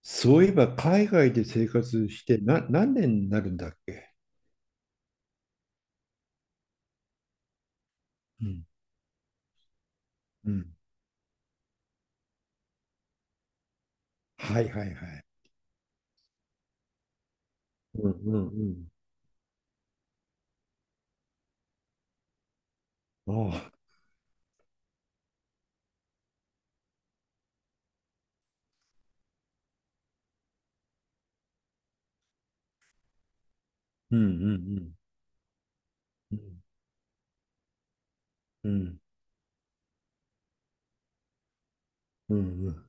そういえば海外で生活してな何年になるんだっけ？うん。うん。はいはいはい。うんうんうん。ああ。うんうんうん。うんうんうん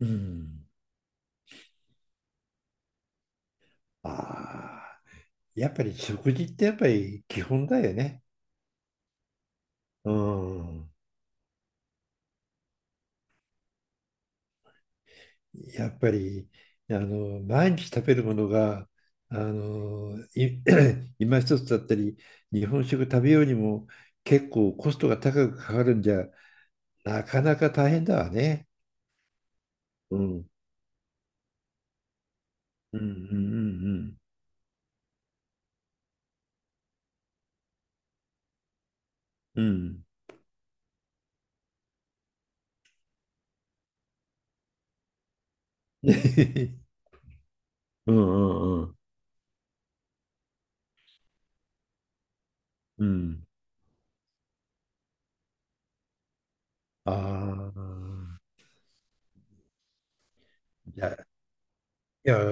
うん。ああ。やっぱり食事ってやっぱり基本だよね。うん。やっぱり毎日食べるものがあのい 今一つだったり日本食食べようにも結構コストが高くかかるんじゃなかなか大変だわね。うん。うんうんうんうん。うん。うんうんうん。うん。ああ。いや、いや、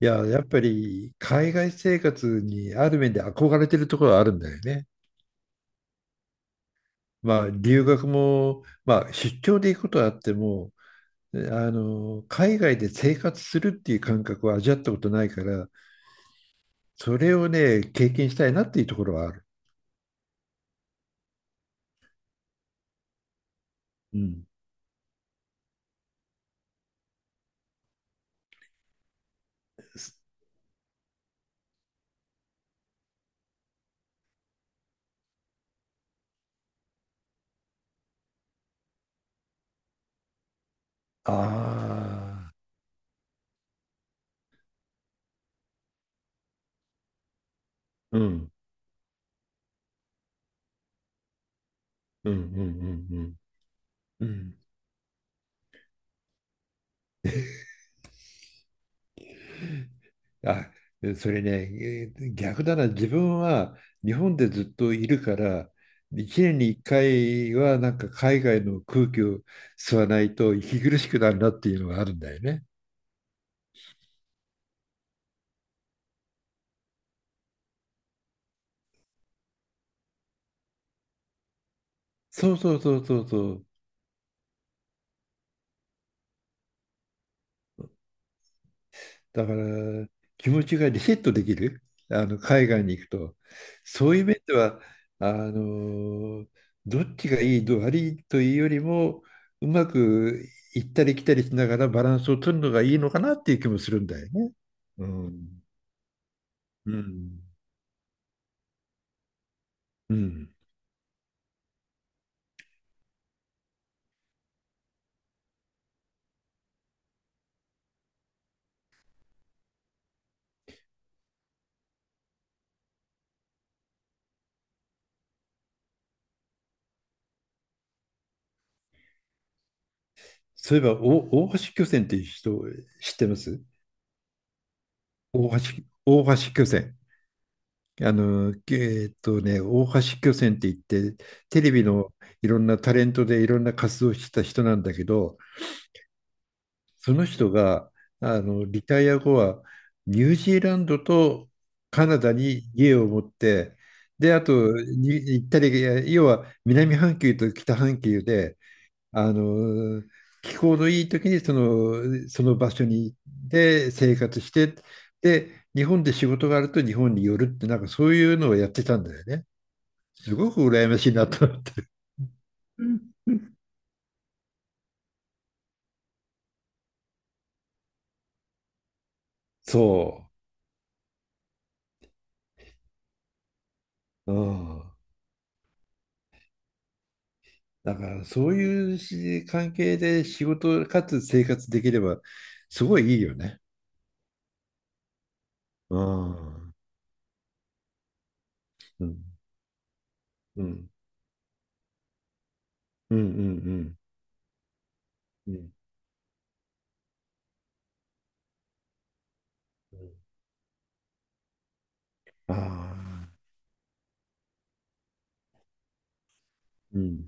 いや、やっぱり海外生活にある面で憧れてるところはあるんだよね。まあ、留学も、まあ、出張で行くことはあっても、あ海外で生活するっていう感覚は味わったことないから、それをね、経験したいなっていうところはある。うん。ああ、うん。うんうんうんうん、うんあ、それね、逆だな、自分は日本でずっといるから、1年に1回はなんか海外の空気を吸わないと息苦しくなるなっていうのがあるんだよね。そうそうそうそうそう。だから気持ちがリセットできる、海外に行くと。そういう面では、あのどっちがいい、どう悪いというよりも、うまく行ったり来たりしながらバランスを取るのがいいのかなっていう気もするんだよね。うん。うん。うん。そういえば、お大橋巨船っていう人知ってます？大橋巨船。大橋巨泉って言って、テレビのいろんなタレントでいろんな活動をしてた人なんだけど、その人がリタイア後はニュージーランドとカナダに家を持って、で、あとに行ったり、いや要は南半球と北半球で、あの、気候のいい時にその場所にで生活して、で、日本で仕事があると日本に寄るって、なんかそういうのをやってたんだよね。すごく羨ましいなったって、そう、うん、だからそういうし関係で仕事かつ生活できればすごいいいよね、うん、うん、うん、うんうんうん、うん、ああー、うん、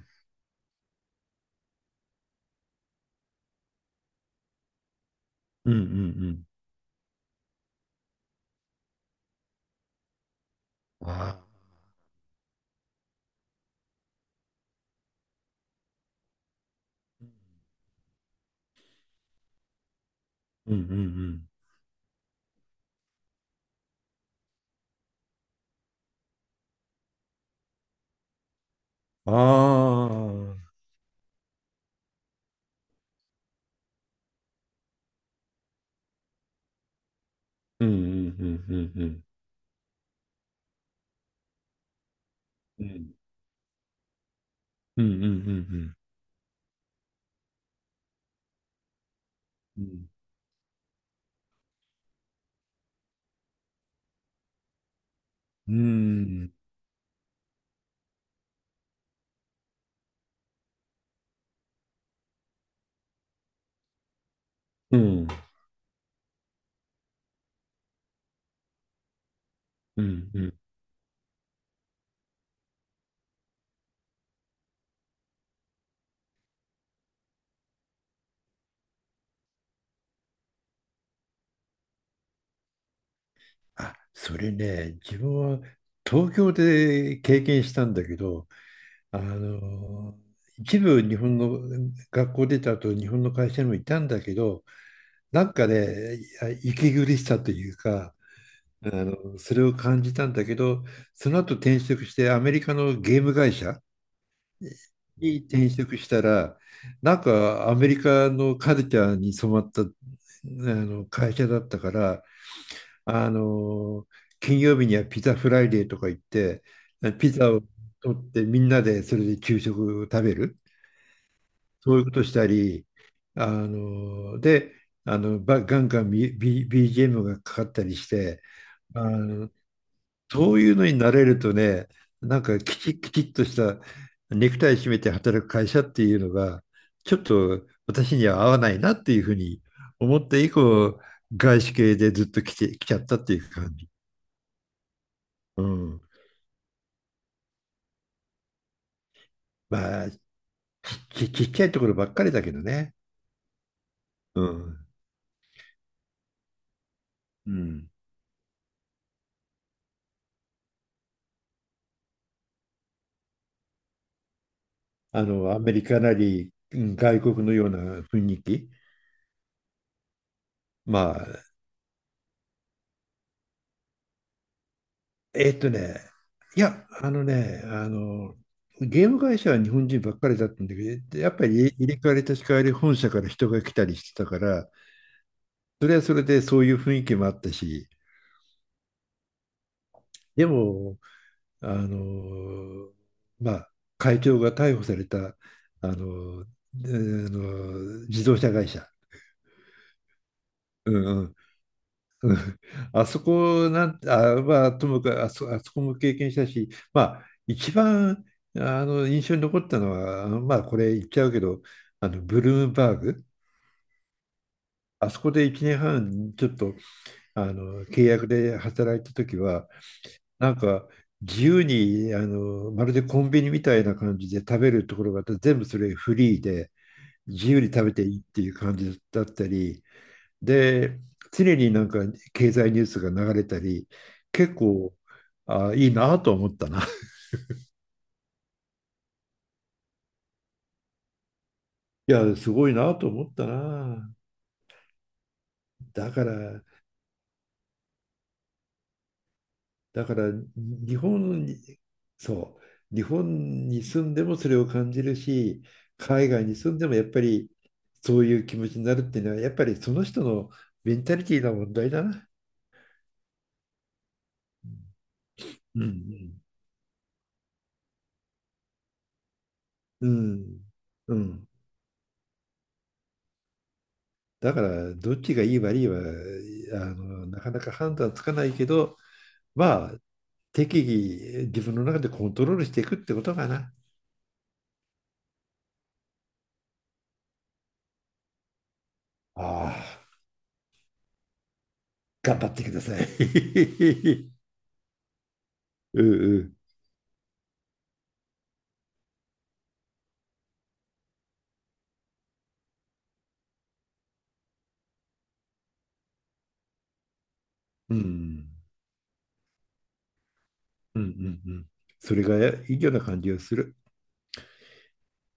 うんうんうん、ああ、うんうんうん、ああ、うんうんうんうんうん、うんうんうんうん、うんうんうんうん、うんうんうんあ、それね、自分は東京で経験したんだけど、あの、一部日本の学校出た後、日本の会社にもいたんだけど、なんかね、息苦しさというか、それを感じたんだけど、その後転職してアメリカのゲーム会社に転職したら、なんかアメリカのカルチャーに染まったあの会社だったから、あの、金曜日にはピザフライデーとか言って、ピザを取ってみんなでそれで給食を食べる、そういうことしたり、で、ガンガン、BGM がかかったりして、あの、そういうのに慣れるとね、なんかきちっきちっとしたネクタイ締めて働く会社っていうのが、ちょっと私には合わないなっていうふうに思って以降、外資系でずっと来て、来ちゃったっていう感じ。うんまあ、ちちっちゃいところばっかりだけどね。うん。うん。アメリカなり、うん外国のような雰囲気。まあ、えーっとね、いや、ゲーム会社は日本人ばっかりだったんだけど、やっぱり入れ替わり立ち替わり本社から人が来たりしてたから、それはそれでそういう雰囲気もあったし、でも、あの、まあ、会長が逮捕された、あの、自動車会社、うんうん あそこなん、あ、まあ、ともかくあそこも経験したし、まあ、一番印象に残ったのは、まあ、これ言っちゃうけど、ブルームバーグ、あそこで1年半、ちょっと契約で働いた時は、なんか自由にまるでコンビニみたいな感じで食べるところがあって、全部それフリーで、自由に食べていいっていう感じだったり、で、常になんか経済ニュースが流れたり、結構、あ、いいなと思ったな。いや、すごいなと思ったな。だから、だから日本に、そう、日本に住んでもそれを感じるし、海外に住んでもやっぱりそういう気持ちになるっていうのは、やっぱりその人のメンタリティの問題だな。うん、うん、うん、うん。だから、どっちがいい悪いは、なかなか判断つかないけど、は適宜自分の中でコントロールしていくってことかな。ああ、頑張ってください。うんうん。うんうんうんうん。それがいいような感じがする。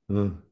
うん。